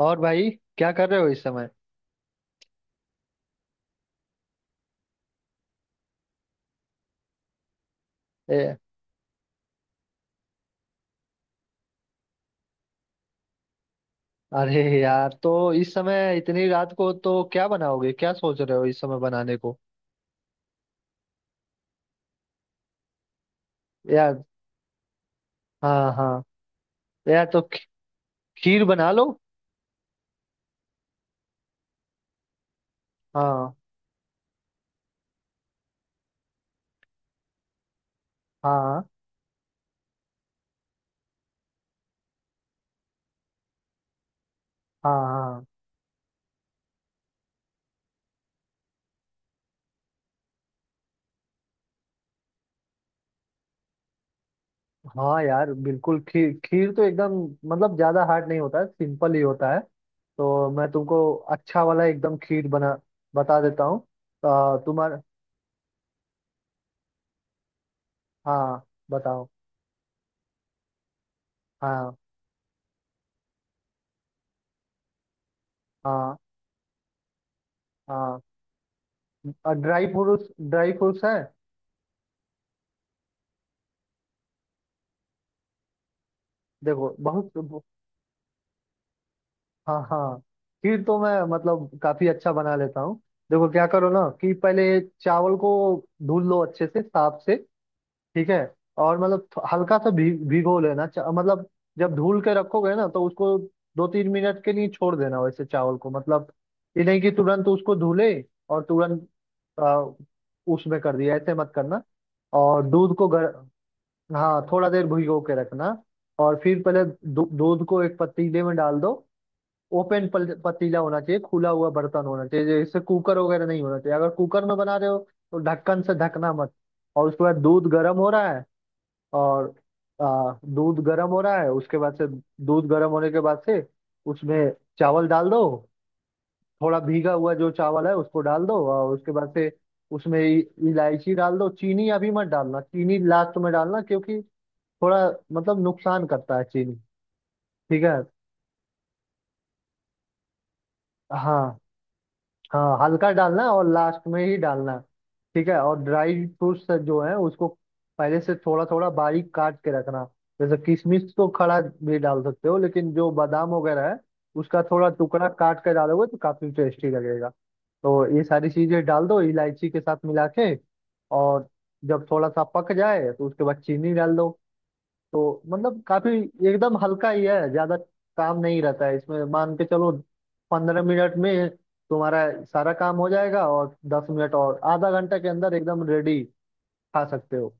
और भाई, क्या कर रहे हो इस समय? ए, अरे यार, तो इस समय इतनी रात को तो क्या बनाओगे? क्या सोच रहे हो इस समय बनाने को? यार। हाँ, हाँ। यार तो खीर बना लो। हाँ, हाँ, हाँ, हाँ। हाँ यार, बिल्कुल। खीर खीर तो एकदम मतलब ज्यादा हार्ड नहीं होता है, सिंपल ही होता है। तो मैं तुमको अच्छा वाला एकदम खीर बना बता देता हूँ। तुम्हारा। हाँ, बताओ। हाँ, हाँ, हाँ। ड्राई फ्रूट्स, ड्राई फ्रूट्स है। देखो बहुत। हाँ, हाँ। खीर तो मैं मतलब काफी अच्छा बना लेता हूँ। देखो क्या करो ना कि पहले चावल को धुल लो अच्छे से, साफ से। ठीक है। और मतलब हल्का सा भी भिगो लेना, मतलब जब धुल के रखोगे ना तो उसको दो तीन मिनट के लिए छोड़ देना, वैसे चावल को मतलब, ये नहीं कि तुरंत उसको धुले और तुरंत आ, उसमें कर दिया, ऐसे मत करना। और दूध को गर हाँ, थोड़ा देर भिगो के रखना। और फिर पहले दूध को एक पतीले में डाल दो। ओपन पतीला होना चाहिए, खुला हुआ बर्तन होना चाहिए, जैसे कुकर वगैरह नहीं होना चाहिए। अगर कुकर में बना रहे हो तो ढक्कन से ढकना मत। और उसके बाद दूध गर्म हो रहा है, और दूध गर्म हो रहा है। उसके बाद से, दूध गर्म होने के बाद से उसमें चावल डाल दो। थोड़ा भीगा हुआ जो चावल है उसको डाल दो, और उसके बाद से उसमें इलायची डाल दो। चीनी अभी मत डालना, चीनी लास्ट में डालना क्योंकि थोड़ा मतलब नुकसान करता है चीनी। ठीक है। हाँ, हाँ। हल्का डालना, और लास्ट में ही डालना। ठीक है। और ड्राई फ्रूट्स जो है उसको पहले से थोड़ा थोड़ा बारीक काट के रखना। जैसे किशमिश तो खड़ा भी डाल सकते हो, लेकिन जो बादाम वगैरह है उसका थोड़ा टुकड़ा काट कर डालोगे तो काफी टेस्टी लगेगा। तो ये सारी चीजें डाल दो इलायची के साथ मिला के। और जब थोड़ा सा पक जाए तो उसके बाद चीनी डाल दो। तो मतलब काफी एकदम हल्का ही है, ज्यादा काम नहीं रहता है इसमें, मान के चलो। 15 मिनट में तुम्हारा सारा काम हो जाएगा, और 10 मिनट और आधा घंटा के अंदर एकदम रेडी। खा सकते हो।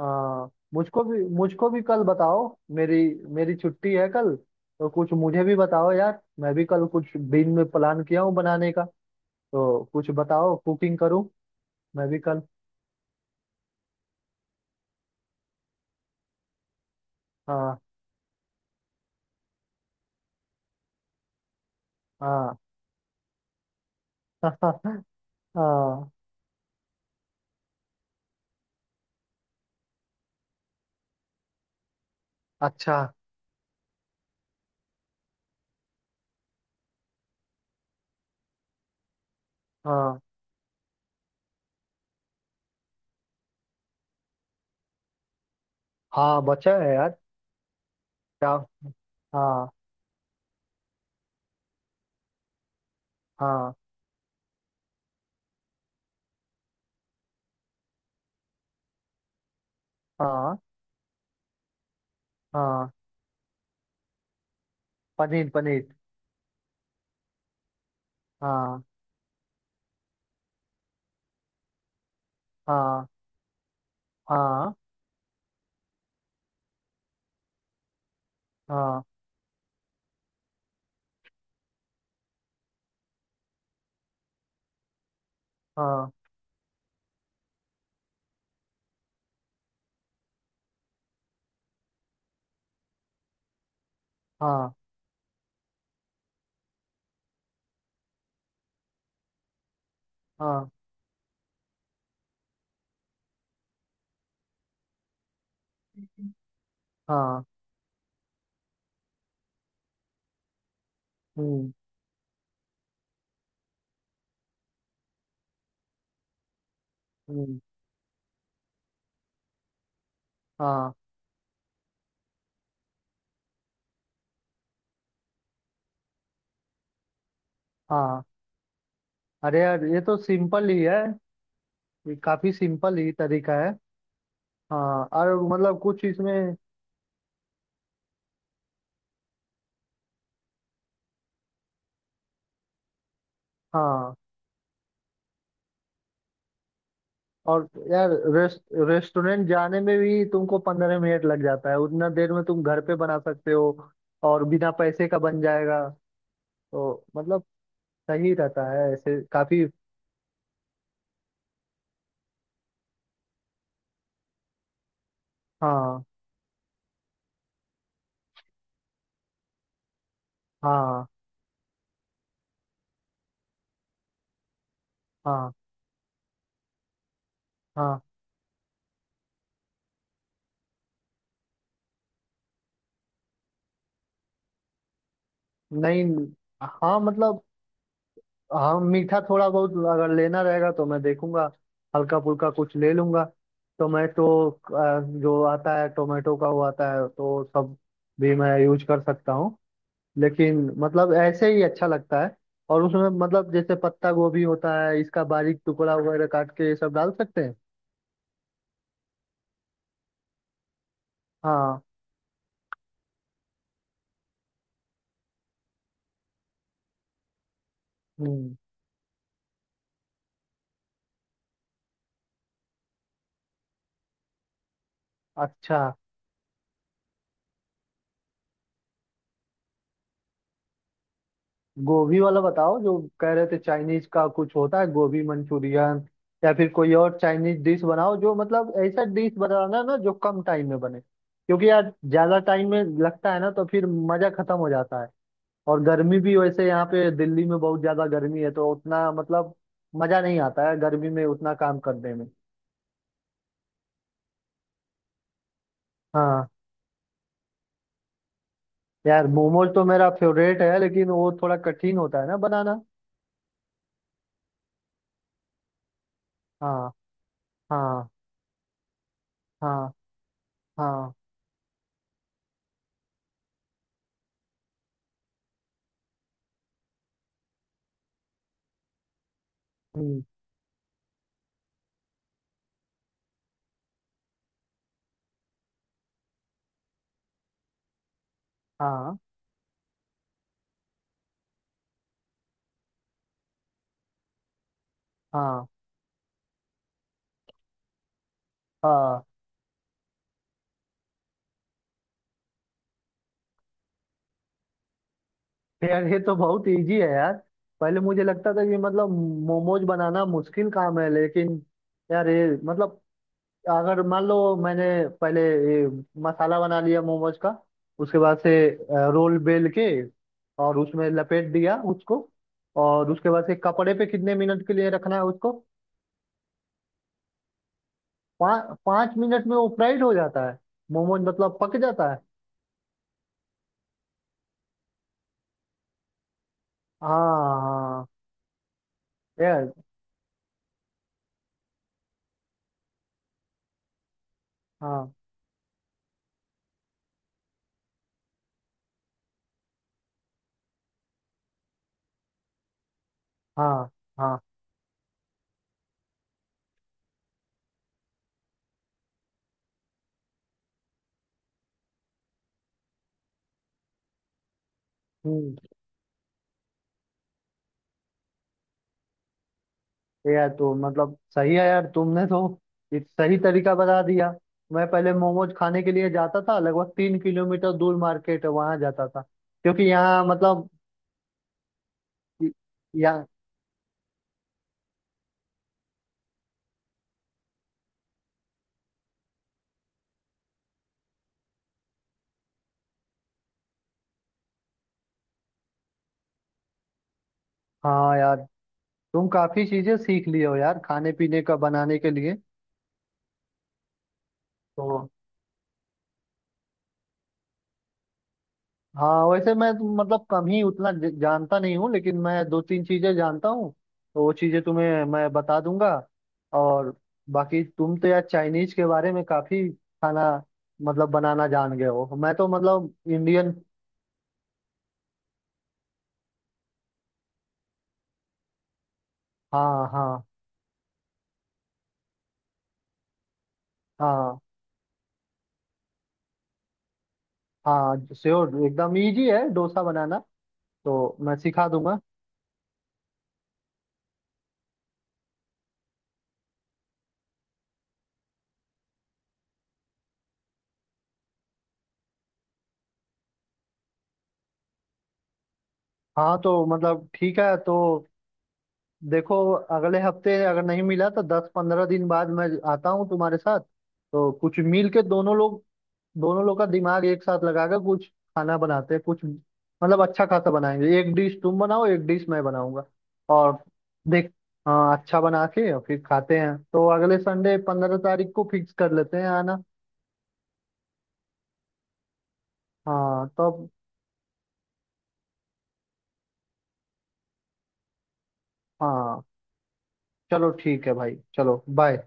आ, मुझको भी कल बताओ। मेरी मेरी छुट्टी है कल। तो कुछ मुझे भी बताओ यार, मैं भी कल कुछ दिन में प्लान किया हूँ बनाने का। तो कुछ बताओ कुकिंग करूँ मैं भी कल। हाँ, हाँ। हाँ। अच्छा। हाँ, हाँ। बचा है यार। क्या? हाँ, हाँ, हाँ, हाँ। पनीर, पनीर। हाँ, हाँ, हाँ, हाँ, हाँ, हाँ, हाँ, हाँ। हम्म, हम्म। हाँ, हाँ। अरे यार, ये तो सिंपल ही है। ये काफी सिंपल ही तरीका है। हाँ, और मतलब कुछ इसमें। हाँ। और यार, रेस्टोरेंट जाने में भी तुमको 15 मिनट लग जाता है, उतना देर में तुम घर पे बना सकते हो। और बिना पैसे का बन जाएगा। तो मतलब सही रहता है ऐसे काफी। हाँ, हाँ, हाँ, हाँ। नहीं। हाँ मतलब, हाँ मीठा थोड़ा बहुत अगर लेना रहेगा तो मैं देखूंगा, हल्का फुल्का कुछ ले लूंगा। टोमेटो, जो आता है टोमेटो का वो आता है तो सब भी मैं यूज कर सकता हूँ, लेकिन मतलब ऐसे ही अच्छा लगता है। और उसमें मतलब जैसे पत्ता गोभी होता है, इसका बारीक टुकड़ा वगैरह काट के ये सब डाल सकते हैं। हाँ। हम्म। अच्छा। गोभी वाला बताओ, जो कह रहे थे चाइनीज का कुछ होता है गोभी मंचूरियन, या फिर कोई और चाइनीज डिश बनाओ। जो मतलब ऐसा डिश बनाना ना जो कम टाइम में बने, क्योंकि यार ज्यादा टाइम में लगता है ना तो फिर मजा खत्म हो जाता है। और गर्मी भी वैसे यहाँ पे दिल्ली में बहुत ज्यादा गर्मी है, तो उतना मतलब मजा नहीं आता है गर्मी में उतना काम करने में। हाँ यार, मोमोज तो मेरा फेवरेट है, लेकिन वो थोड़ा कठिन होता है ना बनाना। हाँ, हाँ, हाँ, हाँ। हम्म। हाँ, हाँ, हाँ। यार ये तो बहुत इजी है यार। पहले मुझे लगता था कि मतलब मोमोज बनाना मुश्किल काम है, लेकिन यार ये मतलब, अगर मान लो मैंने पहले ये मसाला बना लिया मोमोज का, उसके बाद से रोल बेल के और उसमें लपेट दिया उसको, और उसके बाद से कपड़े पे कितने मिनट के लिए रखना है उसको? पाँच पाँच मिनट में वो फ्राइड हो जाता है, मोमोज मतलब पक जाता है। हाँ, हाँ यार। हाँ, हाँ, हाँ। हम्म। ये यार तो मतलब सही है यार, तुमने तो एक सही तरीका बता दिया। मैं पहले मोमोज खाने के लिए जाता था, लगभग 3 किलोमीटर दूर मार्केट है, वहां जाता था, क्योंकि यहाँ मतलब यहाँ। हाँ यार, तुम काफी चीजें सीख लिए हो यार खाने पीने का बनाने के लिए तो। हाँ वैसे मैं तो मतलब कम ही उतना जानता नहीं हूँ, लेकिन मैं दो तीन चीजें जानता हूँ। तो वो चीजें तुम्हें मैं बता दूंगा। और बाकी तुम तो यार चाइनीज के बारे में काफी खाना मतलब बनाना जान गए हो, मैं तो मतलब इंडियन। हाँ, हाँ, हाँ, हाँ। श्योर, एकदम इजी है डोसा बनाना, तो मैं सिखा दूंगा। हाँ तो मतलब, ठीक है तो देखो, अगले हफ्ते अगर नहीं मिला तो 10-15 दिन बाद मैं आता हूँ तुम्हारे साथ, तो कुछ मिल के दोनों लोग, दोनों लोग का दिमाग एक साथ लगाकर कुछ खाना बनाते हैं। कुछ मतलब अच्छा खासा बनाएंगे, एक डिश तुम बनाओ एक डिश मैं बनाऊंगा। और देख, हाँ, अच्छा बना के और फिर खाते हैं, तो अगले संडे 15 तारीख को फिक्स कर लेते हैं आना। हाँ तो अब, हाँ चलो, ठीक है भाई, चलो बाय।